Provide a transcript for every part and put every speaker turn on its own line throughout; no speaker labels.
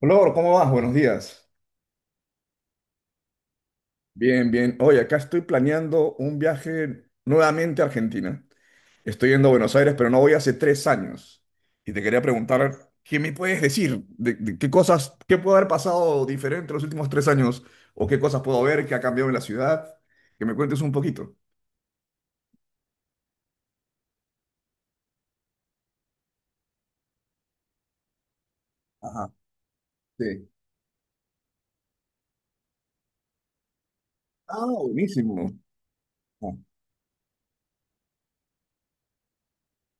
Flor, ¿cómo vas? Buenos días. Bien, bien. Oye, acá estoy planeando un viaje nuevamente a Argentina. Estoy yendo a Buenos Aires, pero no voy hace 3 años. Y te quería preguntar, ¿qué me puedes decir? ¿De qué cosas, qué puede haber pasado diferente los últimos 3 años? ¿O qué cosas puedo ver que ha cambiado en la ciudad? Que me cuentes un poquito. Ajá, sí. Ah, buenísimo. Ah,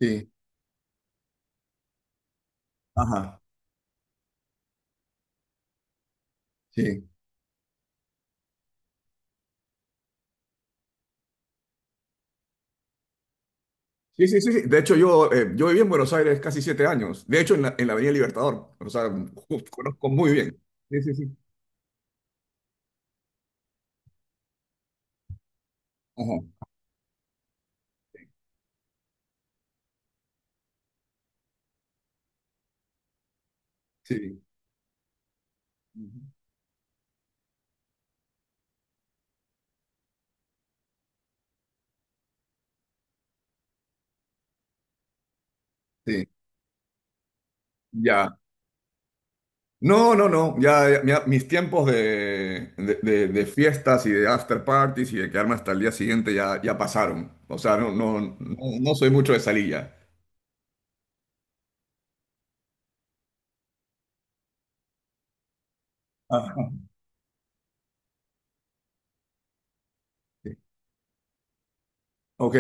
sí, ajá, sí. Sí, sí, sí, sí. De hecho, yo, yo viví en Buenos Aires casi 7 años. De hecho, en la Avenida Libertador. O sea, conozco muy bien. Sí, sí, sí. Ajá. Sí. Ujú. Sí. Ya. No, no, no. Ya, ya, mira, mis tiempos de fiestas y de after parties y de quedarme hasta el día siguiente ya, ya pasaron. O sea, no, no, no, no soy mucho de salir ya. Ajá. Sí. Ok.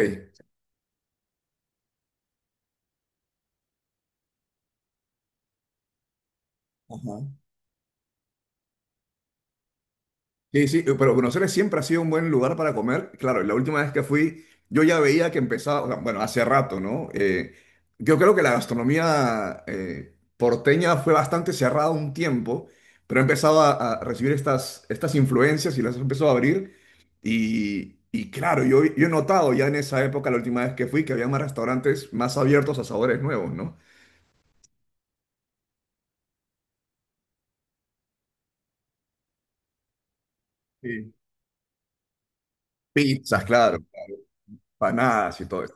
Ajá. Sí, sí, pero Buenos Aires siempre ha sido un buen lugar para comer. Claro, la última vez que fui, yo ya veía que empezaba, o sea, bueno, hace rato, ¿no? Yo creo que la gastronomía porteña fue bastante cerrada un tiempo, pero empezaba a recibir estas influencias y las empezó a abrir. Y claro, yo he notado ya en esa época, la última vez que fui, que había más restaurantes más abiertos a sabores nuevos, ¿no? Sí. Pizzas, claro, panadas y todo eso.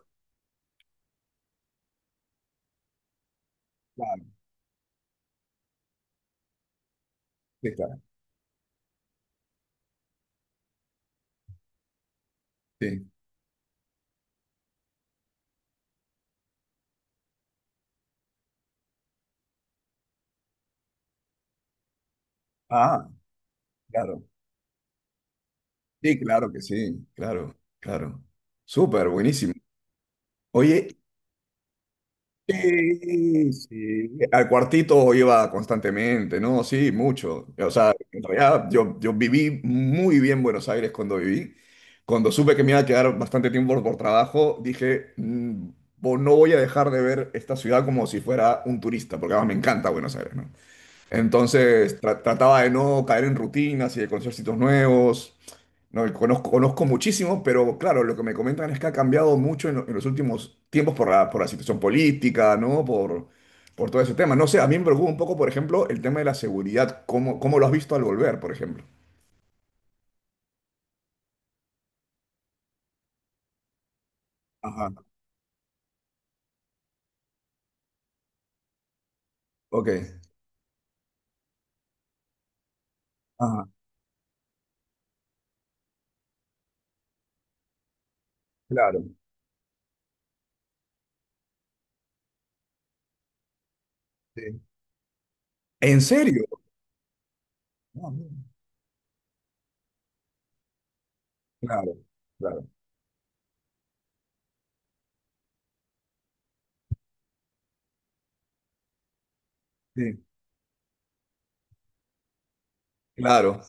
Claro, sí, claro, sí. Ah, claro. Sí, claro que sí, claro, claro. Súper, buenísimo. Oye, sí, sí, al cuartito iba constantemente, ¿no? Sí, mucho. O sea, en realidad yo, yo viví muy bien Buenos Aires cuando viví. Cuando supe que me iba a quedar bastante tiempo por trabajo, dije, No voy a dejar de ver esta ciudad como si fuera un turista, porque además me encanta Buenos Aires, ¿no? Entonces trataba de no caer en rutinas y de conocer sitios nuevos. No, y conozco, conozco muchísimo, pero claro, lo que me comentan es que ha cambiado mucho en los últimos tiempos por por la situación política, ¿no? Por todo ese tema. No sé, a mí me preocupa un poco, por ejemplo, el tema de la seguridad. ¿Cómo lo has visto al volver, por ejemplo? Ajá, ok. Ajá, claro. Sí. ¿En serio? Ah, no. Claro, claro. Sí, claro,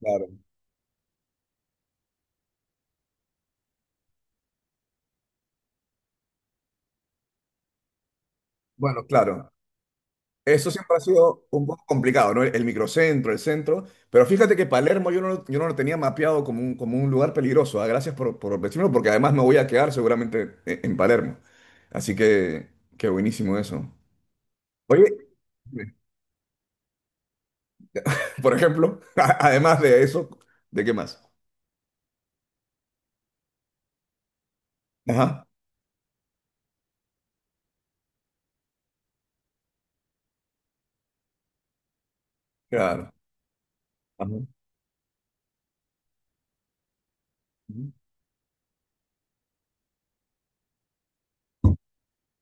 claro. Bueno, claro. Eso siempre ha sido un poco complicado, ¿no? El microcentro, el centro. Pero fíjate que Palermo yo no, yo no lo tenía mapeado como un lugar peligroso. Ah, gracias por decirlo, porque además me voy a quedar seguramente en Palermo. Así que, qué buenísimo eso. Oye, por ejemplo, además de eso, ¿de qué más? Ajá, claro. Ajá. Ujú,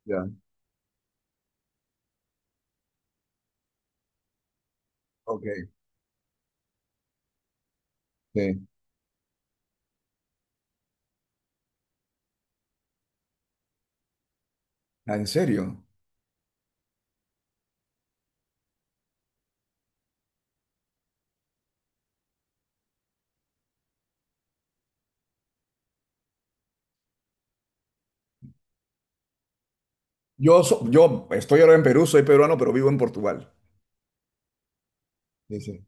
ya, ok. Sí. Ah, ¿en serio? Yo, yo estoy ahora en Perú, soy peruano, pero vivo en Portugal. Sí, sí.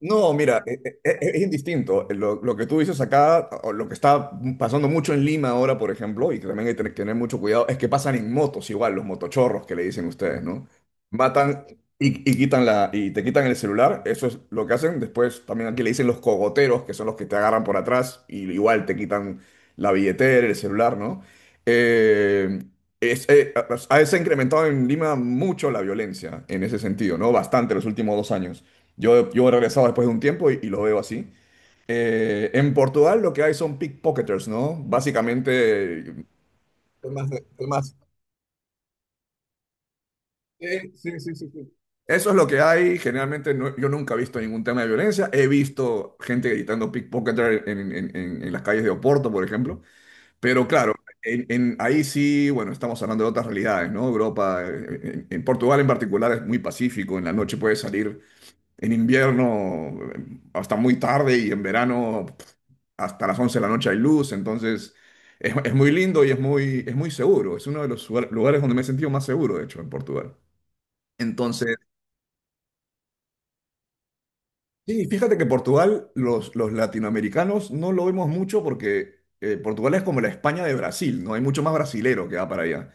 No, mira, es indistinto. Lo que tú dices acá, o lo que está pasando mucho en Lima ahora, por ejemplo, y que también hay que tener mucho cuidado, es que pasan en motos igual, los motochorros que le dicen ustedes, ¿no? Matan y quitan la, y te quitan el celular, eso es lo que hacen. Después también aquí le dicen los cogoteros, que son los que te agarran por atrás y igual te quitan la billetera, el celular, ¿no? Eh, Se ha incrementado en Lima mucho la violencia en ese sentido, ¿no? Bastante los últimos 2 años. Yo he regresado después de un tiempo y lo veo así. En Portugal lo que hay son pickpocketers, ¿no? Básicamente... Temas de- temas- Sí, sí, sí, sí, sí. Eso es lo que hay. Generalmente yo nunca he visto ningún tema de violencia. He visto gente gritando pickpocketer en las calles de Oporto, por ejemplo. Pero claro, ahí sí, bueno, estamos hablando de otras realidades, ¿no? Europa, en Portugal en particular es muy pacífico. En la noche puedes salir en invierno hasta muy tarde y en verano pf, hasta las 11 de la noche hay luz, entonces es muy lindo y es muy seguro. Es uno de los lugares donde me he sentido más seguro, de hecho, en Portugal. Entonces, sí, fíjate que Portugal, los latinoamericanos no lo vemos mucho porque Portugal es como la España de Brasil, ¿no? Hay mucho más brasilero que va para allá.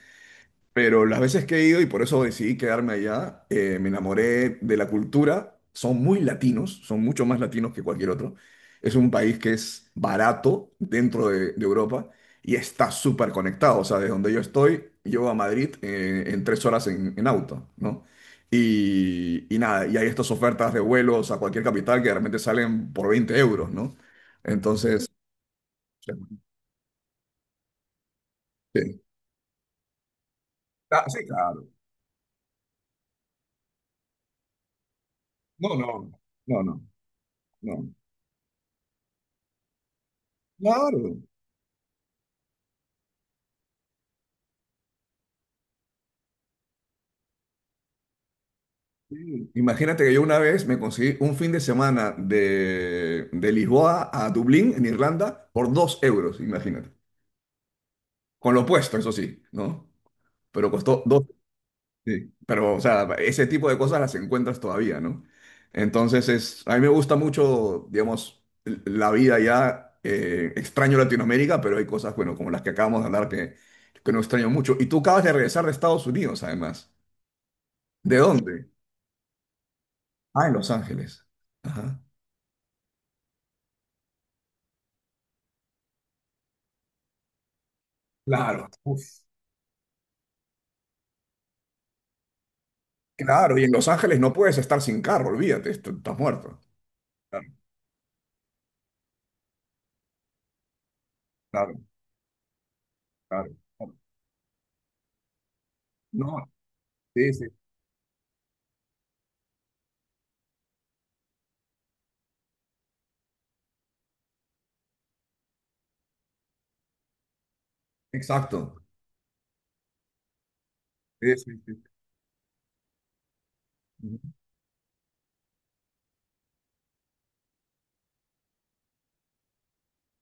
Pero las veces que he ido, y por eso decidí quedarme allá, me enamoré de la cultura. Son muy latinos, son mucho más latinos que cualquier otro. Es un país que es barato dentro de Europa y está súper conectado. O sea, de donde yo estoy, yo a Madrid en 3 horas en auto, ¿no? Y nada, y hay estas ofertas de vuelos a cualquier capital que de repente salen por 20 euros, ¿no? Entonces, sí. Ah, sí, claro. No, no, no, no, no. Claro, sí. Imagínate que yo una vez me conseguí un fin de semana de Lisboa a Dublín, en Irlanda, por 2 euros, imagínate. Con lo puesto, eso sí, ¿no? Pero costó dos. Sí. Pero, o sea, ese tipo de cosas las encuentras todavía, ¿no? Entonces, es, a mí me gusta mucho, digamos, la vida ya. Extraño Latinoamérica, pero hay cosas, bueno, como las que acabamos de hablar que no extraño mucho. Y tú acabas de regresar de Estados Unidos, además. ¿De dónde? Ah, en Los Ángeles. Ajá. Claro. Uf. Claro, y en Los Ángeles no puedes estar sin carro, olvídate, estás muerto. Claro, claro, claro. Claro. No, sí, sí, exacto. Sí, sí, sí. Ujú.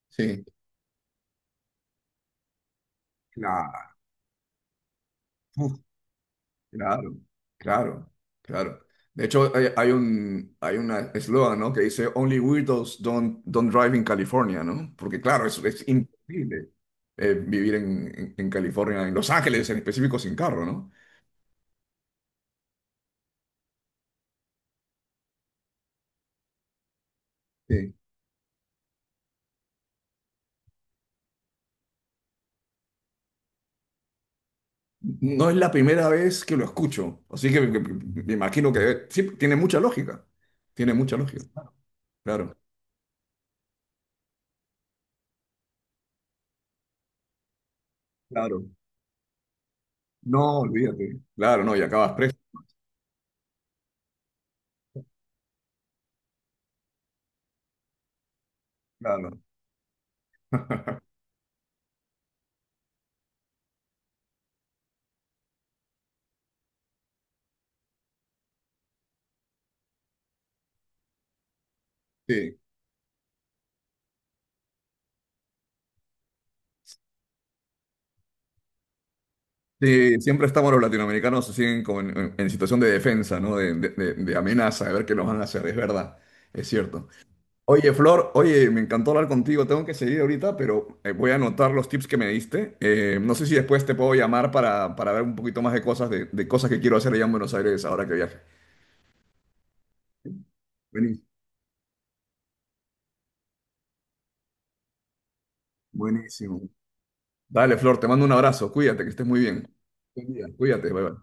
Sí, claro, uf, claro, claro, claro. De hecho, hay un hay una eslogan, ¿no? Que dice Only weirdos don't drive in California, ¿no? Porque claro, es imposible vivir en, en California, en Los Ángeles en específico, sin carro, ¿no? Sí. No es la primera vez que lo escucho, así que me, me imagino que sí, tiene mucha lógica. Tiene mucha lógica. Claro, claro. No, olvídate. Claro, no, y acabas preso. Claro. Sí. Sí, siempre estamos los latinoamericanos así en, como en situación de defensa, ¿no? De amenaza, de ver qué nos van a hacer, es verdad, es cierto. Oye, Flor, oye, me encantó hablar contigo. Tengo que seguir ahorita, pero voy a anotar los tips que me diste. No sé si después te puedo llamar para ver un poquito más de cosas, de cosas que quiero hacer allá en Buenos Aires ahora que viaje. Buenísimo. Buenísimo. Dale, Flor, te mando un abrazo. Cuídate, que estés muy bien. Buen día. Cuídate, bye bye.